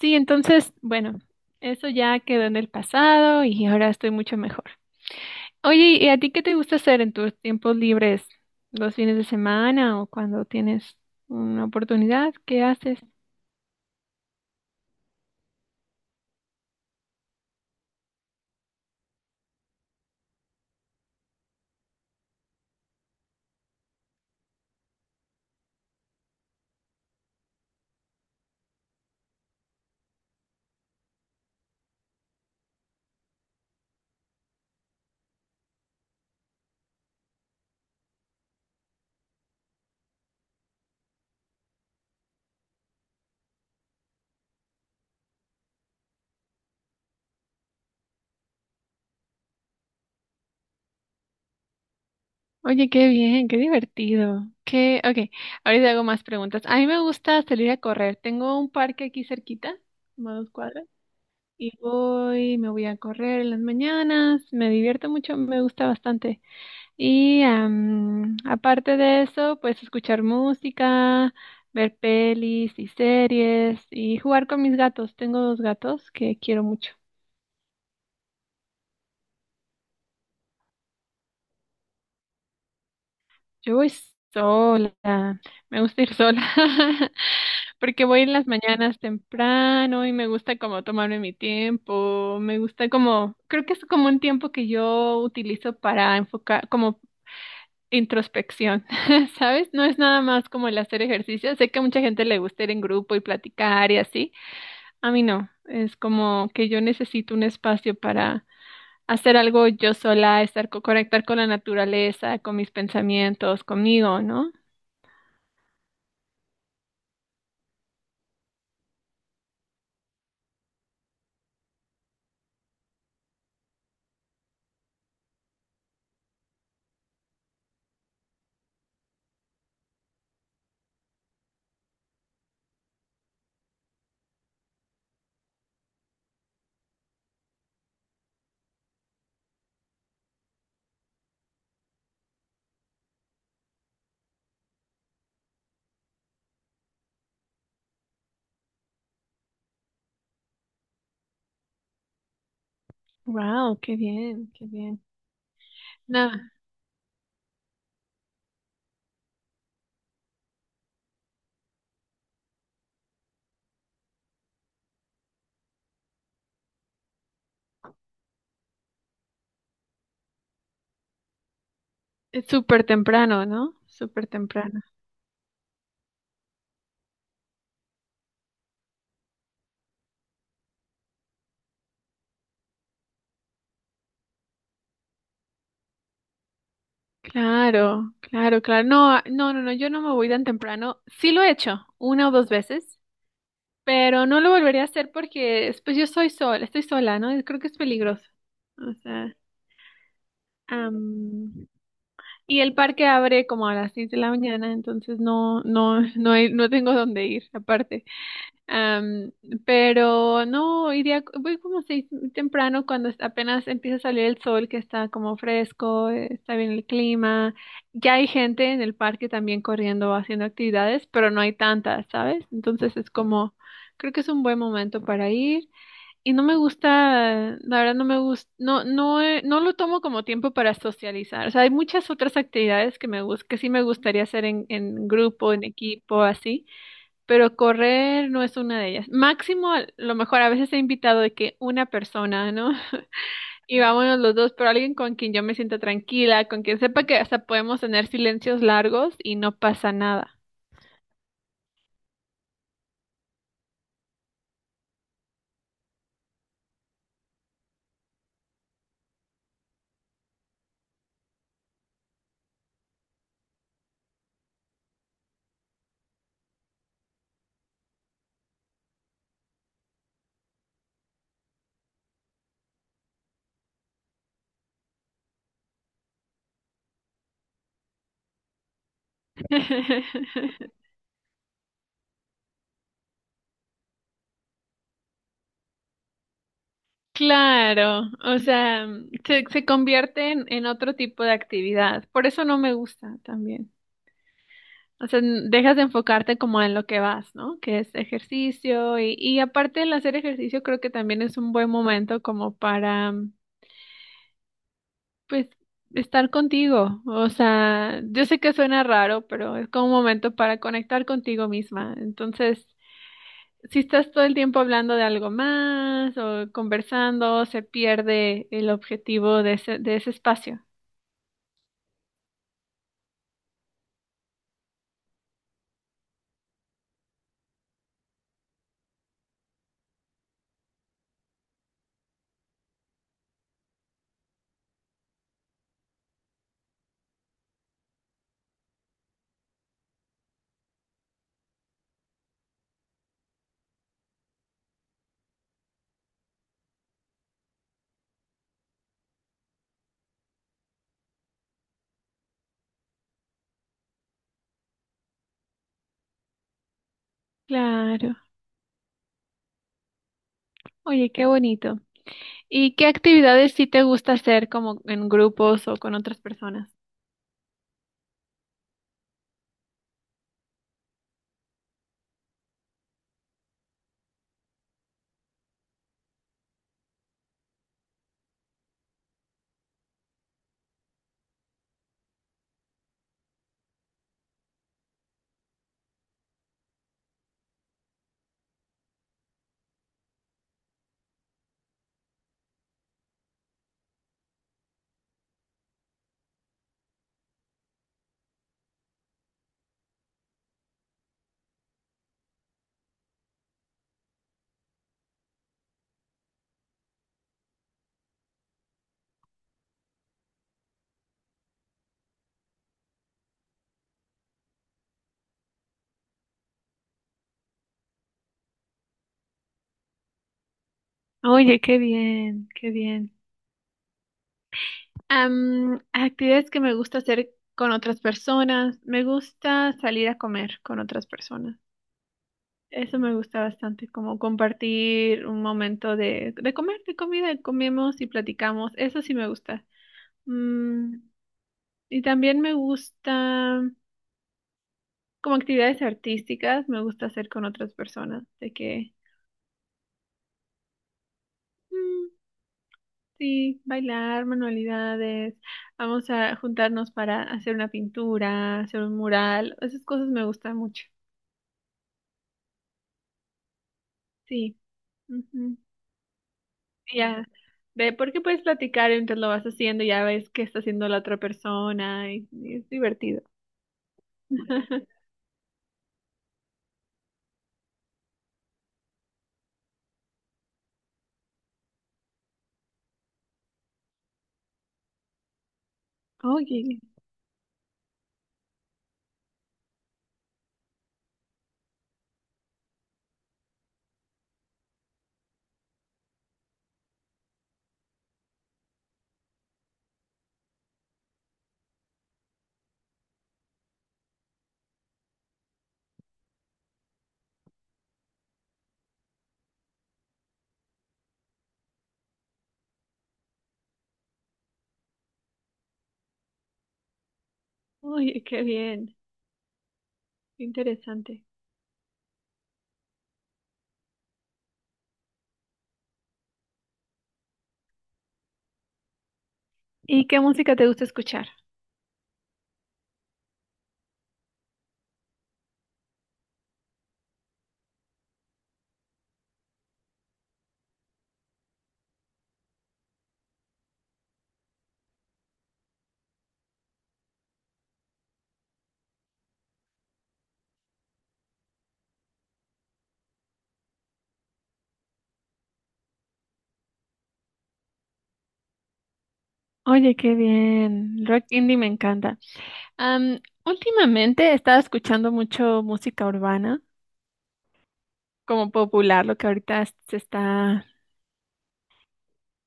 Sí, entonces, bueno, eso ya quedó en el pasado y ahora estoy mucho mejor. Oye, ¿y a ti qué te gusta hacer en tus tiempos libres? ¿Los fines de semana o cuando tienes una oportunidad? ¿Qué haces? Oye, qué bien, qué divertido. Qué, ok, ahorita hago más preguntas. A mí me gusta salir a correr. Tengo un parque aquí cerquita, como a dos cuadras, y voy, me voy a correr en las mañanas. Me divierto mucho, me gusta bastante. Y aparte de eso, pues escuchar música, ver pelis y series y jugar con mis gatos. Tengo dos gatos que quiero mucho. Yo voy sola, me gusta ir sola porque voy en las mañanas temprano y me gusta como tomarme mi tiempo. Me gusta como, creo que es como un tiempo que yo utilizo para enfocar, como introspección. ¿Sabes? No es nada más como el hacer ejercicio. Sé que a mucha gente le gusta ir en grupo y platicar y así. A mí no, es como que yo necesito un espacio para hacer algo yo sola, estar conectar con la naturaleza, con mis pensamientos, conmigo, ¿no? Wow, qué bien, qué bien. Nada, es súper temprano, ¿no? Súper temprano. Claro, claro, claro. No, ah, no, no, no, yo no me voy tan temprano. Sí lo he hecho una o dos veces, pero no lo volvería a hacer porque pues yo soy sola, estoy sola, ¿no? Creo que es peligroso. O sea, am, y el parque abre como a las seis de la mañana, entonces no tengo dónde ir, aparte. Am, pero no, iría, voy como seis temprano cuando apenas empieza a salir el sol, que está como fresco, está bien el clima. Ya hay gente en el parque también corriendo, haciendo actividades, pero no hay tantas, ¿sabes? Entonces es como, creo que es un buen momento para ir. Y no me gusta, la verdad no me gusta, no, no, no lo tomo como tiempo para socializar. O sea, hay muchas otras actividades que que sí me gustaría hacer en grupo, en equipo, así, pero correr no es una de ellas. Máximo, a lo mejor a veces he invitado de que una persona, ¿no? Y vámonos los dos, pero alguien con quien yo me sienta tranquila, con quien sepa que hasta podemos tener silencios largos y no pasa nada. Claro, o sea, se convierte en otro tipo de actividad. Por eso no me gusta también. O sea, dejas de enfocarte como en lo que vas, ¿no? Que es ejercicio y aparte del hacer ejercicio creo que también es un buen momento como para, pues, estar contigo. O sea, yo sé que suena raro, pero es como un momento para conectar contigo misma. Entonces, si estás todo el tiempo hablando de algo más o conversando, se pierde el objetivo de ese espacio. Claro. Oye, qué bonito. ¿Y qué actividades sí te gusta hacer como en grupos o con otras personas? Oye, qué bien, qué bien. Actividades que me gusta hacer con otras personas. Me gusta salir a comer con otras personas. Eso me gusta bastante, como compartir un momento de comer, de comida, comemos y platicamos. Eso sí me gusta. Mm, y también me gusta, como actividades artísticas, me gusta hacer con otras personas, de que, mm, sí, bailar, manualidades, vamos a juntarnos para hacer una pintura, hacer un mural, esas cosas me gustan mucho, sí. Ujú, ya, de porque puedes platicar mientras lo vas haciendo, ya ves qué está haciendo la otra persona y es divertido. Oye, oye, qué bien, qué interesante. ¿Y qué música te gusta escuchar? Oye, qué bien. Rock indie me encanta. Am, últimamente he estado escuchando mucho música urbana, como popular, lo que ahorita se está,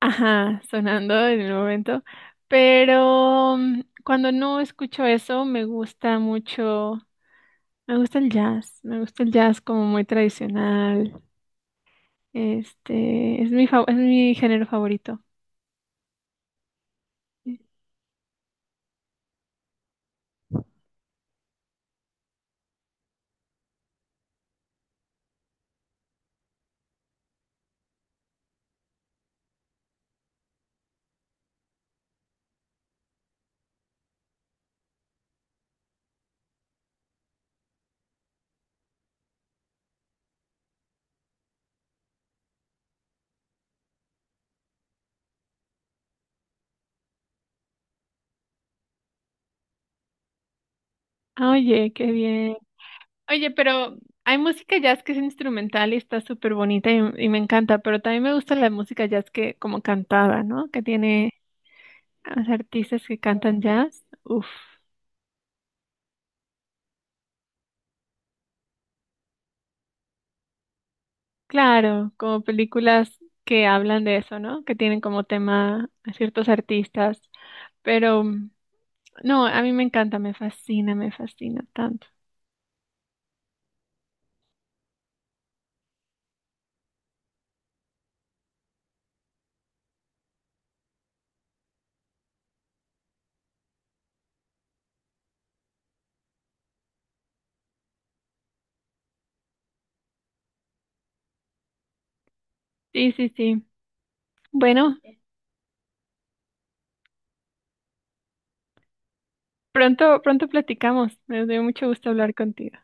ajá, sonando en el momento. Pero mm, cuando no escucho eso, me gusta mucho, me gusta el jazz. Me gusta el jazz como muy tradicional. Este, es mi, es mi género favorito. Ah, oye, qué bien. Oye, pero hay música jazz que es instrumental y está súper bonita y me encanta, pero también me gusta la música jazz que como cantada, ¿no? Que tiene los artistas que cantan jazz, uff, claro, como películas que hablan de eso, ¿no? Que tienen como tema a ciertos artistas, pero mm, no, a mí me encanta, me fascina tanto. Sí, sí, sí. Bueno, pronto, pronto platicamos. Me dio mucho gusto hablar contigo.